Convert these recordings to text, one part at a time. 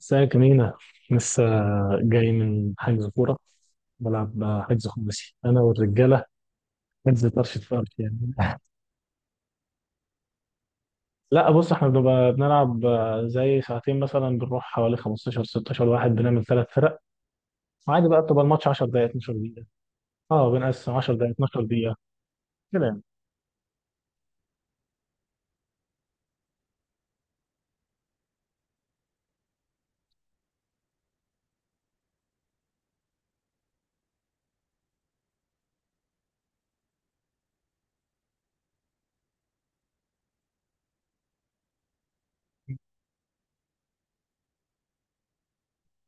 ازيك يا مينا؟ لسه جاي من حجز كورة. بلعب حجز خماسي أنا والرجالة، حجز طرش في طرش يعني. لا بص، احنا بنبقى بنلعب زي ساعتين مثلا، بنروح حوالي 15 16 واحد، بنعمل ثلاث فرق. وعادي بقى بتبقى الماتش 10 دقايق 12 دقيقة. اه، بنقسم 10 دقايق 12 دقيقة كده يعني.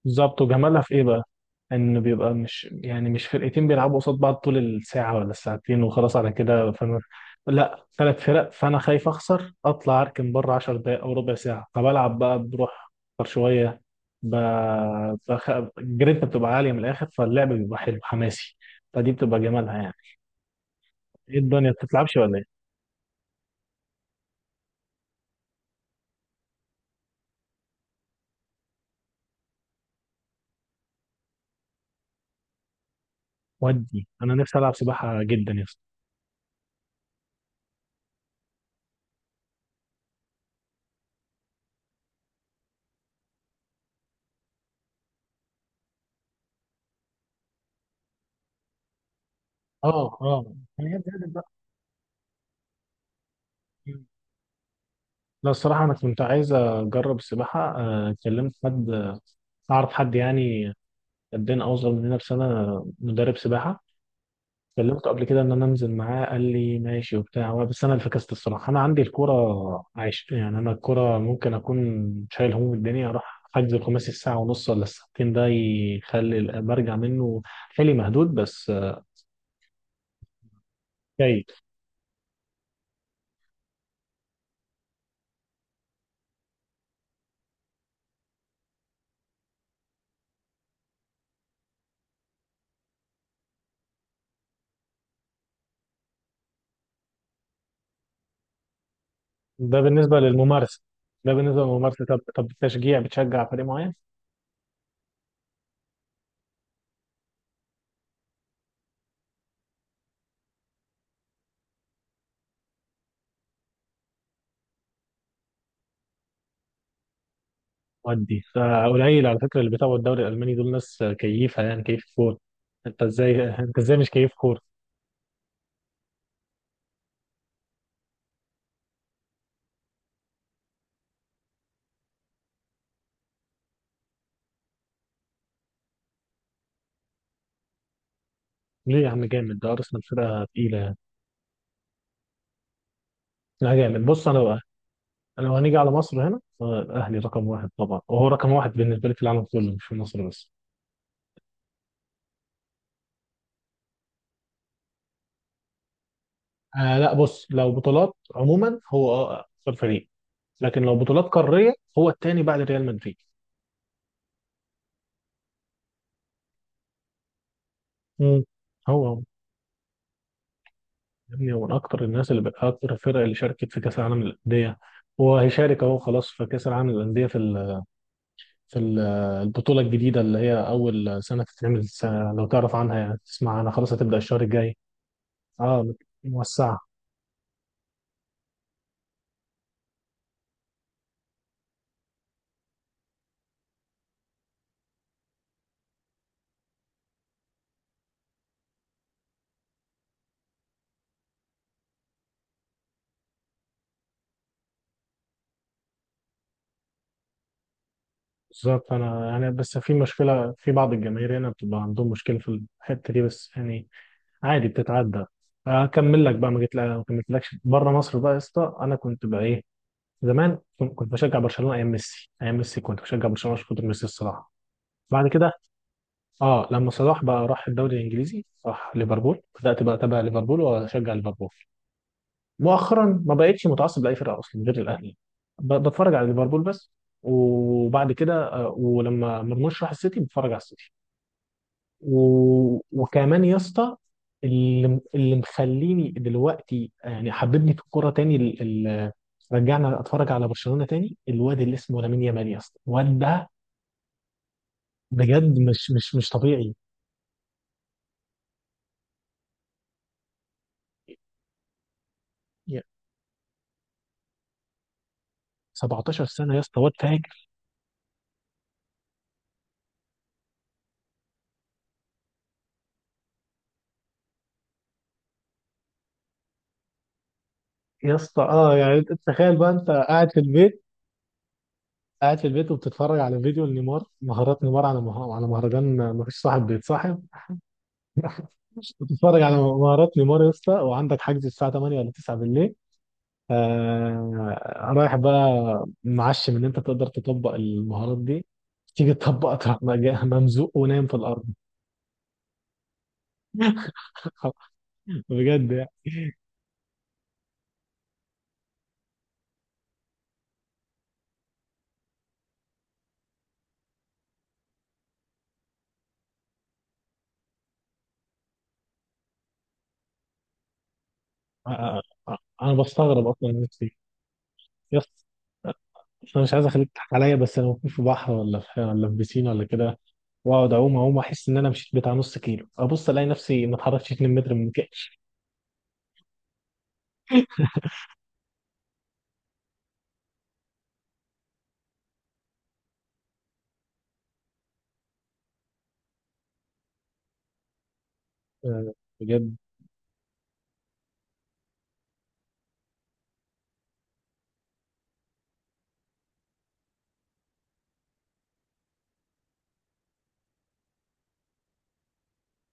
بالظبط. وجمالها في ايه بقى؟ ان بيبقى مش يعني مش فرقتين بيلعبوا قصاد بعض طول الساعه ولا الساعتين وخلاص على كده، فانا، لا، ثلاث فرق، فانا خايف اخسر اطلع اركن بره 10 دقائق او ربع ساعه، فبلعب بقى، بروح اكتر شويه. ب... بخ... الجرينتا بتبقى عاليه من الاخر، فاللعب بيبقى حلو حماسي. فدي بتبقى جمالها يعني. ايه الدنيا ما بتتلعبش ولا ايه؟ ودي انا نفسي العب سباحه جدا يا اسطى. اه اه، يعني هي بجد بقى. لا الصراحة أنا كنت عايز أجرب السباحة، كلمت حد، أعرف حد يعني قدنا، أوصل مننا بسنة، مدرب سباحة. كلمته قبل كده إن أنا أنزل معاه، قال لي ماشي وبتاع، هو بس أنا اللي فكست الصراحة. أنا عندي الكورة عايش يعني، أنا الكورة ممكن أكون شايل هموم الدنيا أروح حجز الخماسي الساعة ونص ولا الساعتين، ده يخلي برجع منه حيلي مهدود، بس جيد. ده بالنسبة للممارسة، ده بالنسبة للممارسة. طب التشجيع، بتشجع فريق معين؟ ودي فقليل على فكره اللي بيتابعوا الدوري الالماني، دول ناس كيفه يعني، كيف كوره. انت ازاي، انت ازاي مش كيف كوره؟ ليه يا عم جامد، ده ارسنال فرقه تقيله يعني. لا جامد، بص انا بقى، انا لو هنيجي على مصر هنا، الاهلي رقم واحد طبعا، وهو رقم واحد بالنسبه لي في العالم كله، مش في مصر بس. آه لا بص، لو بطولات عموما هو اه، اكثر فريق، لكن لو بطولات قاريه هو الثاني بعد ريال مدريد. مم. هو هو. يا ابني هو من اكتر الناس اللي بقى، اكتر الفرق اللي شاركت في كاس العالم للانديه، وهيشارك اهو خلاص في كاس العالم للانديه في في ال- البطولة الجديدة اللي هي أول سنة تتعمل لو تعرف عنها يعني، تسمع عنها، خلاص هتبدأ الشهر الجاي. اه موسعة. بالظبط. أنا يعني بس في مشكلة في بعض الجماهير هنا، بتبقى عندهم مشكلة في الحتة دي بس يعني، عادي بتتعدى. أكمل لك بقى ما جيت ما كملتلكش بره مصر بقى يا اسطى. أنا كنت بقى إيه، زمان كنت بشجع برشلونة أيام ميسي، أيام ميسي كنت بشجع برشلونة عشان خاطر ميسي الصراحة. بعد كده اه، لما صلاح بقى راح الدوري الانجليزي، راح ليفربول، بدات بقى اتابع ليفربول واشجع ليفربول. مؤخرا ما بقتش متعصب لاي فرقه اصلا غير الاهلي. بتفرج على ليفربول بس، وبعد كده ولما مرموش راح السيتي، بتفرج على السيتي. وكمان يا اسطى، اللي اللي مخليني دلوقتي يعني حببني في الكوره تاني، ال... رجعنا اتفرج على برشلونه تاني، الواد اللي اسمه لامين يامال، يا اسطى الواد ده بجد مش طبيعي. يا- 17 سنه يا اسطى، واد فاجر. يا اسطى، اه يعني تخيل بقى انت قاعد في البيت، قاعد في البيت وبتتفرج على فيديو لنيمار، مهارات نيمار على على مهرجان ما فيش صاحب بيتصاحب. بتتفرج على مهارات نيمار يا اسطى، وعندك حجز الساعة 8 ولا 9 بالليل. رايح بقى، معشم ان انت تقدر تطبق المهارات دي، تيجي تطبق، تروح ممزوق ونايم في الارض. بجد يعني. آه، انا بستغرب اصلا نفسي. يس. انا مش عايز اخليك تضحك عليا، بس انا ممكن في بحر ولا في ولا في بيسين ولا كده، واقعد اعوم اعوم، احس ان انا مشيت بتاع نص كيلو، ابص الاقي نفسي ما اتحركتش 2 متر من مكاني. آه، بجد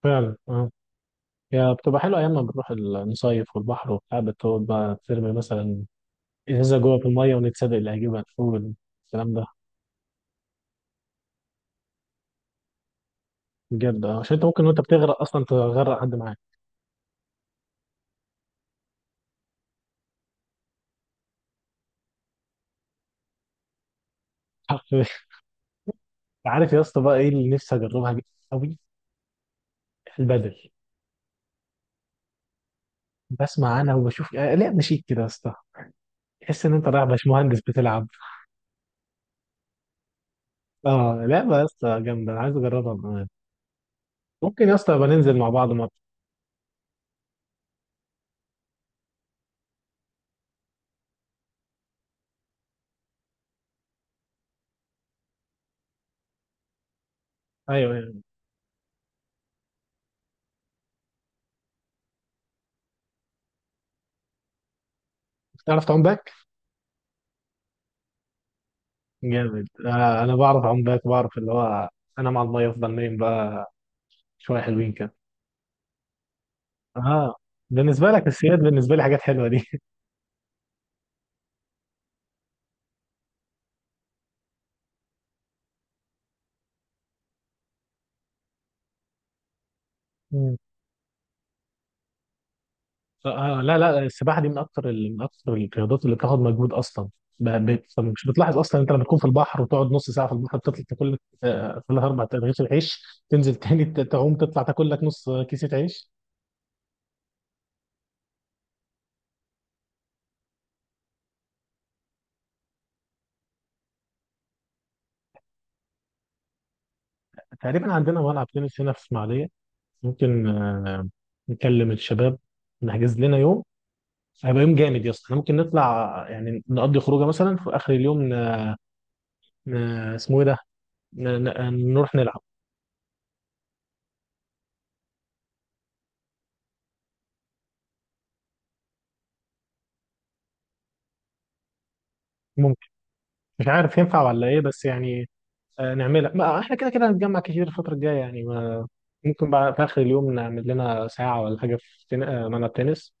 فعلا اه. هي بتبقى حلوه ايام ما بنروح نصيف والبحر وبتاع، بتقعد بقى ترمي مثلا ازازه جوه في الميه، ونتسابق اللي هيجيبها فوق. الكلام ده بجد اه، عشان انت ممكن وانت بتغرق اصلا تغرق حد معاك. عارف يا اسطى بقى ايه اللي نفسي اجربها قوي؟ البدل. بسمع عنها وبشوف، لعبه شيك كده يا اسطى، تحس ان انت رايح باشمهندس بتلعب. اه لعبه يا اسطى جامده، انا عايز اجربها. ممكن يا اسطى يبقى ننزل مع بعض ماتش. ايوه يعني. تعرف تعوم باك؟ جامد. آه انا بعرف اعوم باك، بعرف اللي هو، انا مع الميه افضل نايم بقى شويه حلوين كده. اه بالنسبه لك السياد، بالنسبه لي حاجات حلوه دي. مم. آه لا لا، السباحه دي من اكتر من اكتر الرياضات اللي بتاخد مجهود اصلا. مش بتلاحظ اصلا انت لما تكون في البحر وتقعد نص ساعه في البحر، بتطلع تاكل لك ثلاث اربع رغيف العيش. تنزل تاني تعوم تطلع تاكل لك نص كيسه عيش. تقريبا عندنا ملعب تنس هنا في اسماعيليه. ممكن نكلم الشباب، نحجز لنا يوم. هيبقى يوم جامد يا اسطى، احنا ممكن نطلع يعني نقضي خروجه مثلا في اخر اليوم، ن... اسمه ايه ده، ن... ن... نروح نلعب. ممكن، مش عارف ينفع ولا ايه بس يعني، نعملها، ما احنا كده كده هنتجمع كتير الفتره الجايه يعني. ما ممكن بقى في اخر اليوم نعمل لنا ساعه ولا حاجه في تن... آه، ملعب تنس،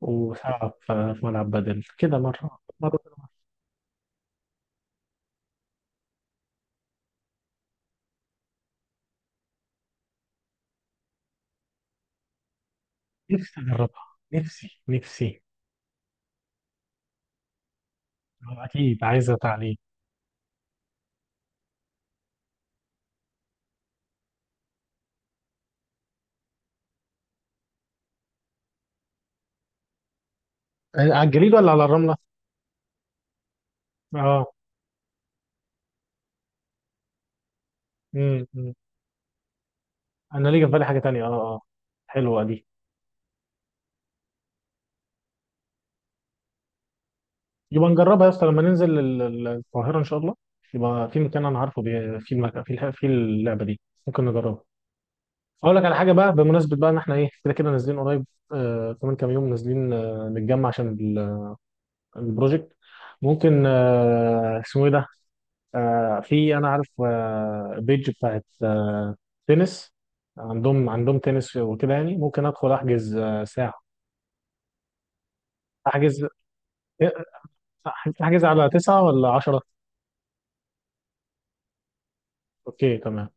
وساعه في في ملعب بدل كده، مره مره. نفسي اجربها. نفسي. اكيد عايزه تعليم. على الجليد ولا على الرمله؟ اه. أمم. انا ليه جه في بالي حاجه تانية اه. اه حلوه دي. يبقى نجربها يا اسطى لما ننزل القاهره ان شاء الله. يبقى في مكان انا عارفه في المكان في في اللعبه دي، ممكن نجربها. اقول لك على حاجه بقى بمناسبه بقى ان احنا ايه، كده كده نازلين قريب. آه كمان كام يوم نازلين، آه نتجمع عشان البروجكت. ممكن اسمه ايه ده، في انا عارف، بيج بتاعت تنس، عندهم عندهم تنس وكده يعني، ممكن ادخل احجز ساعة. احجز آه، احجز على تسعة ولا عشرة؟ اوكي تمام.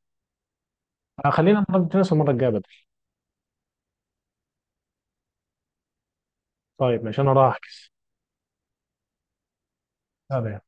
خلينا نلعب تنس المرة الجاية بدل. طيب ماشي، انا راح احجز. سلام.